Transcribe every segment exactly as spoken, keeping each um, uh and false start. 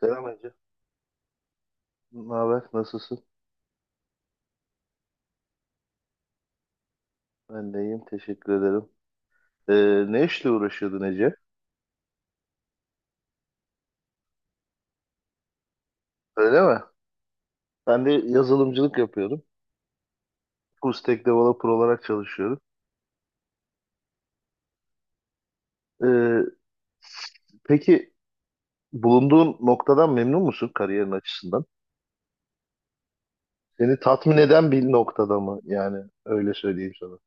Selam Ece. Ne haber? Nasılsın? Ben de iyiyim. Teşekkür ederim. Ee, ne işle uğraşıyordun, Ece? Öyle mi? Ben de yazılımcılık yapıyorum. Full stack developer olarak çalışıyorum. Ee, peki, bulunduğun noktadan memnun musun kariyerin açısından? Seni tatmin eden bir noktada mı? Yani öyle söyleyeyim sana.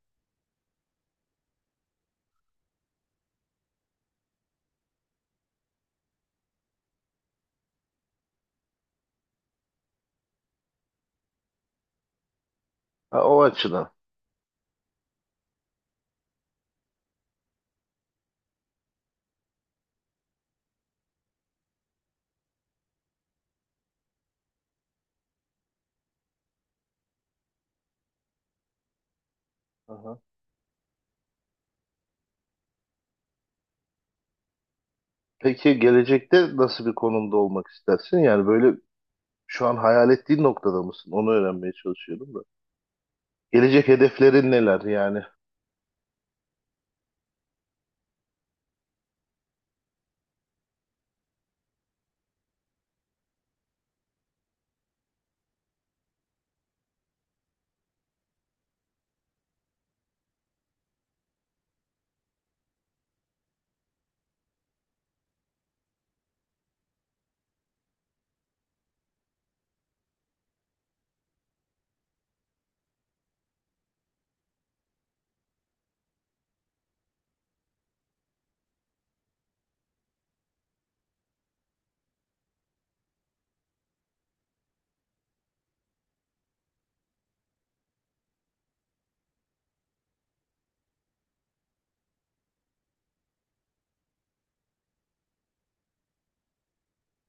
Ha, o açıdan. Aha. Peki gelecekte nasıl bir konumda olmak istersin? Yani böyle şu an hayal ettiğin noktada mısın? Onu öğrenmeye çalışıyorum da. Gelecek hedeflerin neler yani?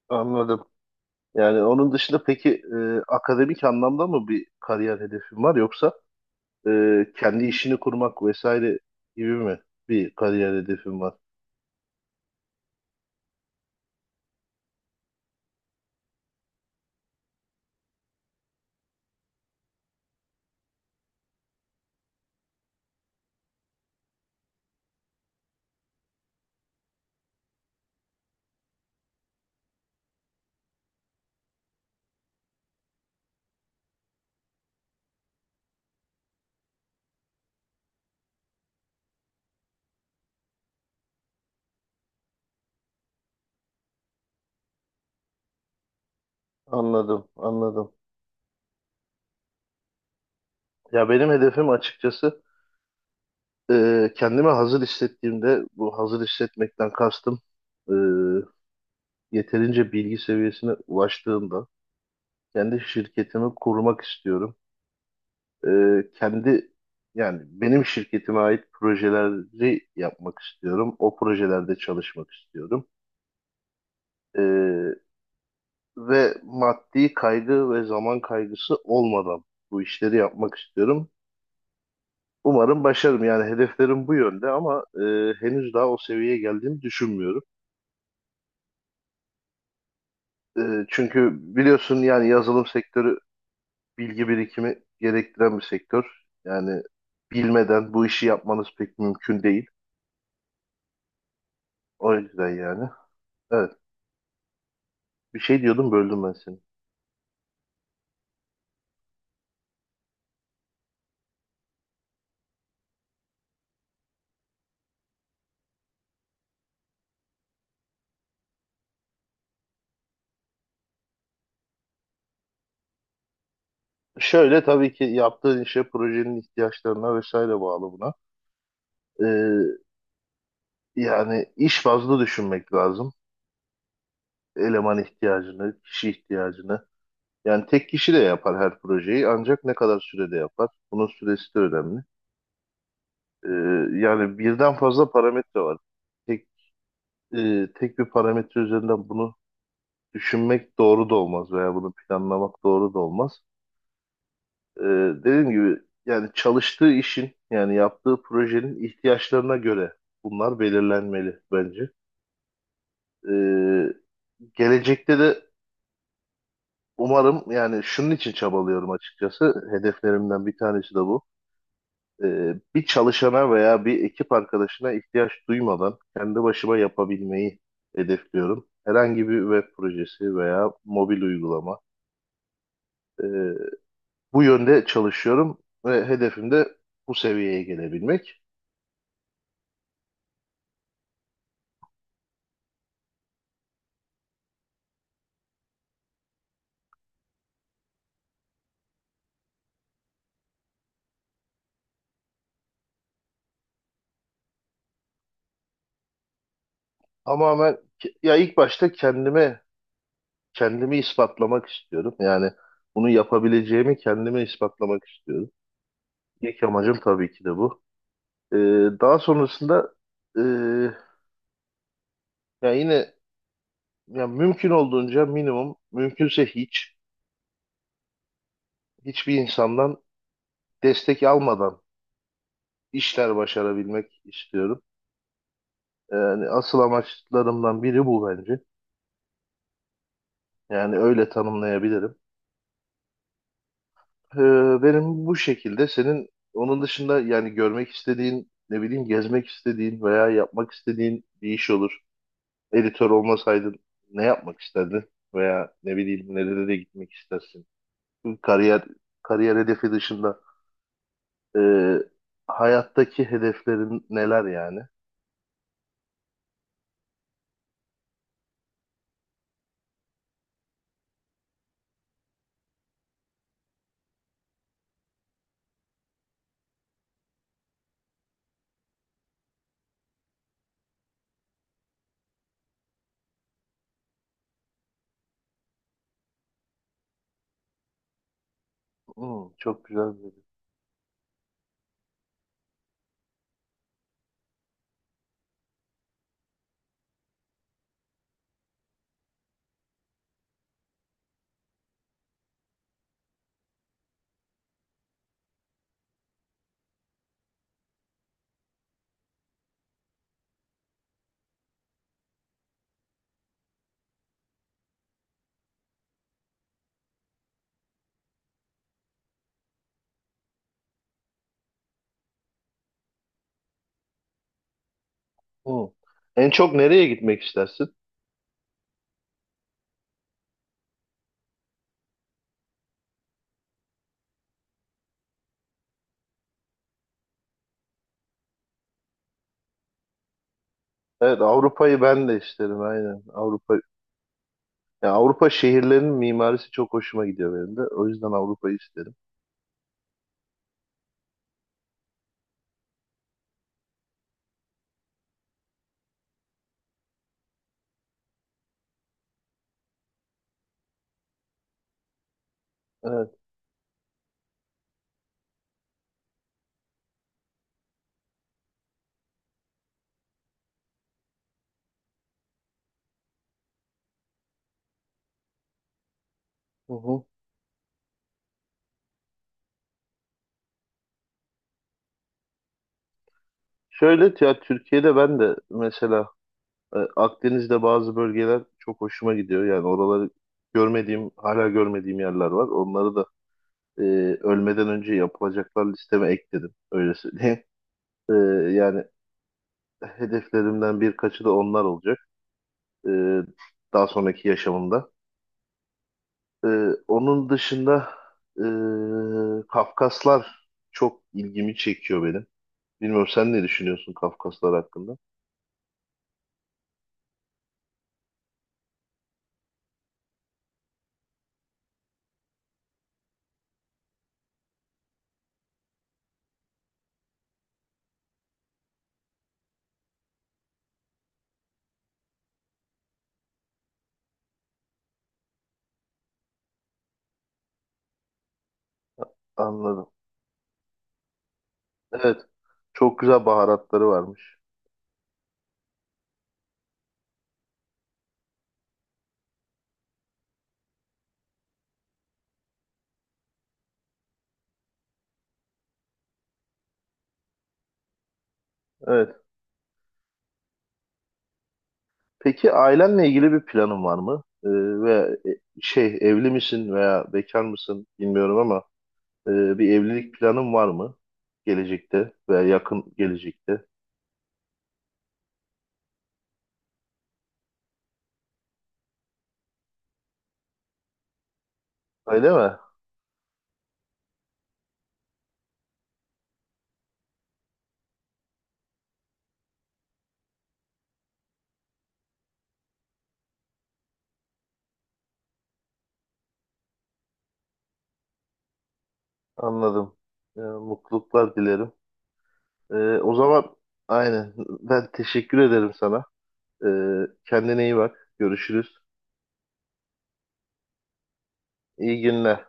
Anladım. Yani onun dışında peki e, akademik anlamda mı bir kariyer hedefin var yoksa e, kendi işini kurmak vesaire gibi mi bir kariyer hedefin var? Anladım, anladım. Ya benim hedefim açıkçası e, kendimi hazır hissettiğimde, bu hazır hissetmekten kastım e, yeterince bilgi seviyesine ulaştığımda kendi şirketimi kurmak istiyorum. E, kendi, yani benim şirketime ait projeleri yapmak istiyorum. O projelerde çalışmak istiyorum. E, Ve maddi kaygı ve zaman kaygısı olmadan bu işleri yapmak istiyorum. Umarım başarırım. Yani hedeflerim bu yönde ama e, henüz daha o seviyeye geldiğimi düşünmüyorum. E, Çünkü biliyorsun yani yazılım sektörü bilgi birikimi gerektiren bir sektör. Yani bilmeden bu işi yapmanız pek mümkün değil. O yüzden yani. Evet. Bir şey diyordum, böldüm ben seni. Şöyle, tabii ki yaptığın işe, projenin ihtiyaçlarına vesaire bağlı buna. Ee, Yani iş fazla düşünmek lazım. Eleman ihtiyacını, kişi ihtiyacını. Yani tek kişi de yapar her projeyi, ancak ne kadar sürede yapar? Bunun süresi de önemli. Ee, Yani birden fazla parametre var. Tek, e, tek bir parametre üzerinden bunu düşünmek doğru da olmaz veya bunu planlamak doğru da olmaz. Ee, Dediğim gibi yani çalıştığı işin, yani yaptığı projenin ihtiyaçlarına göre bunlar belirlenmeli bence. Ee, Gelecekte de umarım, yani şunun için çabalıyorum açıkçası. Hedeflerimden bir tanesi de bu. Ee, bir çalışana veya bir ekip arkadaşına ihtiyaç duymadan kendi başıma yapabilmeyi hedefliyorum. Herhangi bir web projesi veya mobil uygulama. Ee, Bu yönde çalışıyorum ve hedefim de bu seviyeye gelebilmek. Ama ben ya ilk başta kendime, kendimi ispatlamak istiyorum. Yani bunu yapabileceğimi kendime ispatlamak istiyorum. İlk amacım tabii ki de bu. Ee, Daha sonrasında ee, ya yine, ya mümkün olduğunca minimum, mümkünse hiç hiçbir insandan destek almadan işler başarabilmek istiyorum. Yani asıl amaçlarımdan biri bu bence. Yani öyle tanımlayabilirim. Ee, benim bu şekilde, senin onun dışında yani görmek istediğin, ne bileyim, gezmek istediğin veya yapmak istediğin bir iş olur. Editör olmasaydın ne yapmak isterdin veya ne bileyim nerelere gitmek istersin? Bu Kariyer kariyer hedefi dışında e, hayattaki hedeflerin neler yani? Hmm, çok güzel bir hedef. Hmm. En çok nereye gitmek istersin? Evet, Avrupa'yı ben de isterim aynen. Avrupa Ya Avrupa şehirlerinin mimarisi çok hoşuma gidiyor benim de. O yüzden Avrupa'yı isterim. Evet. Hı hı. Şöyle, ya Türkiye'de ben de mesela e, Akdeniz'de bazı bölgeler çok hoşuma gidiyor. Yani oraları görmediğim, hala görmediğim yerler var. Onları da e, ölmeden önce yapılacaklar listeme ekledim. Öyle söyleyeyim. E, Yani hedeflerimden birkaçı da onlar olacak. E, Daha sonraki yaşamımda. Ee, onun dışında ee, Kafkaslar çok ilgimi çekiyor benim. Bilmiyorum, sen ne düşünüyorsun Kafkaslar hakkında? Anladım. Evet. Çok güzel baharatları varmış. Evet. Peki ailenle ilgili bir planın var mı? Ee, ve e, şey, evli misin veya bekar mısın bilmiyorum ama e, bir evlilik planın var mı gelecekte veya yakın gelecekte? Öyle mi? Anladım. Ee, mutluluklar dilerim. Ee, O zaman aynen. Ben teşekkür ederim sana. Ee, kendine iyi bak. Görüşürüz. İyi günler.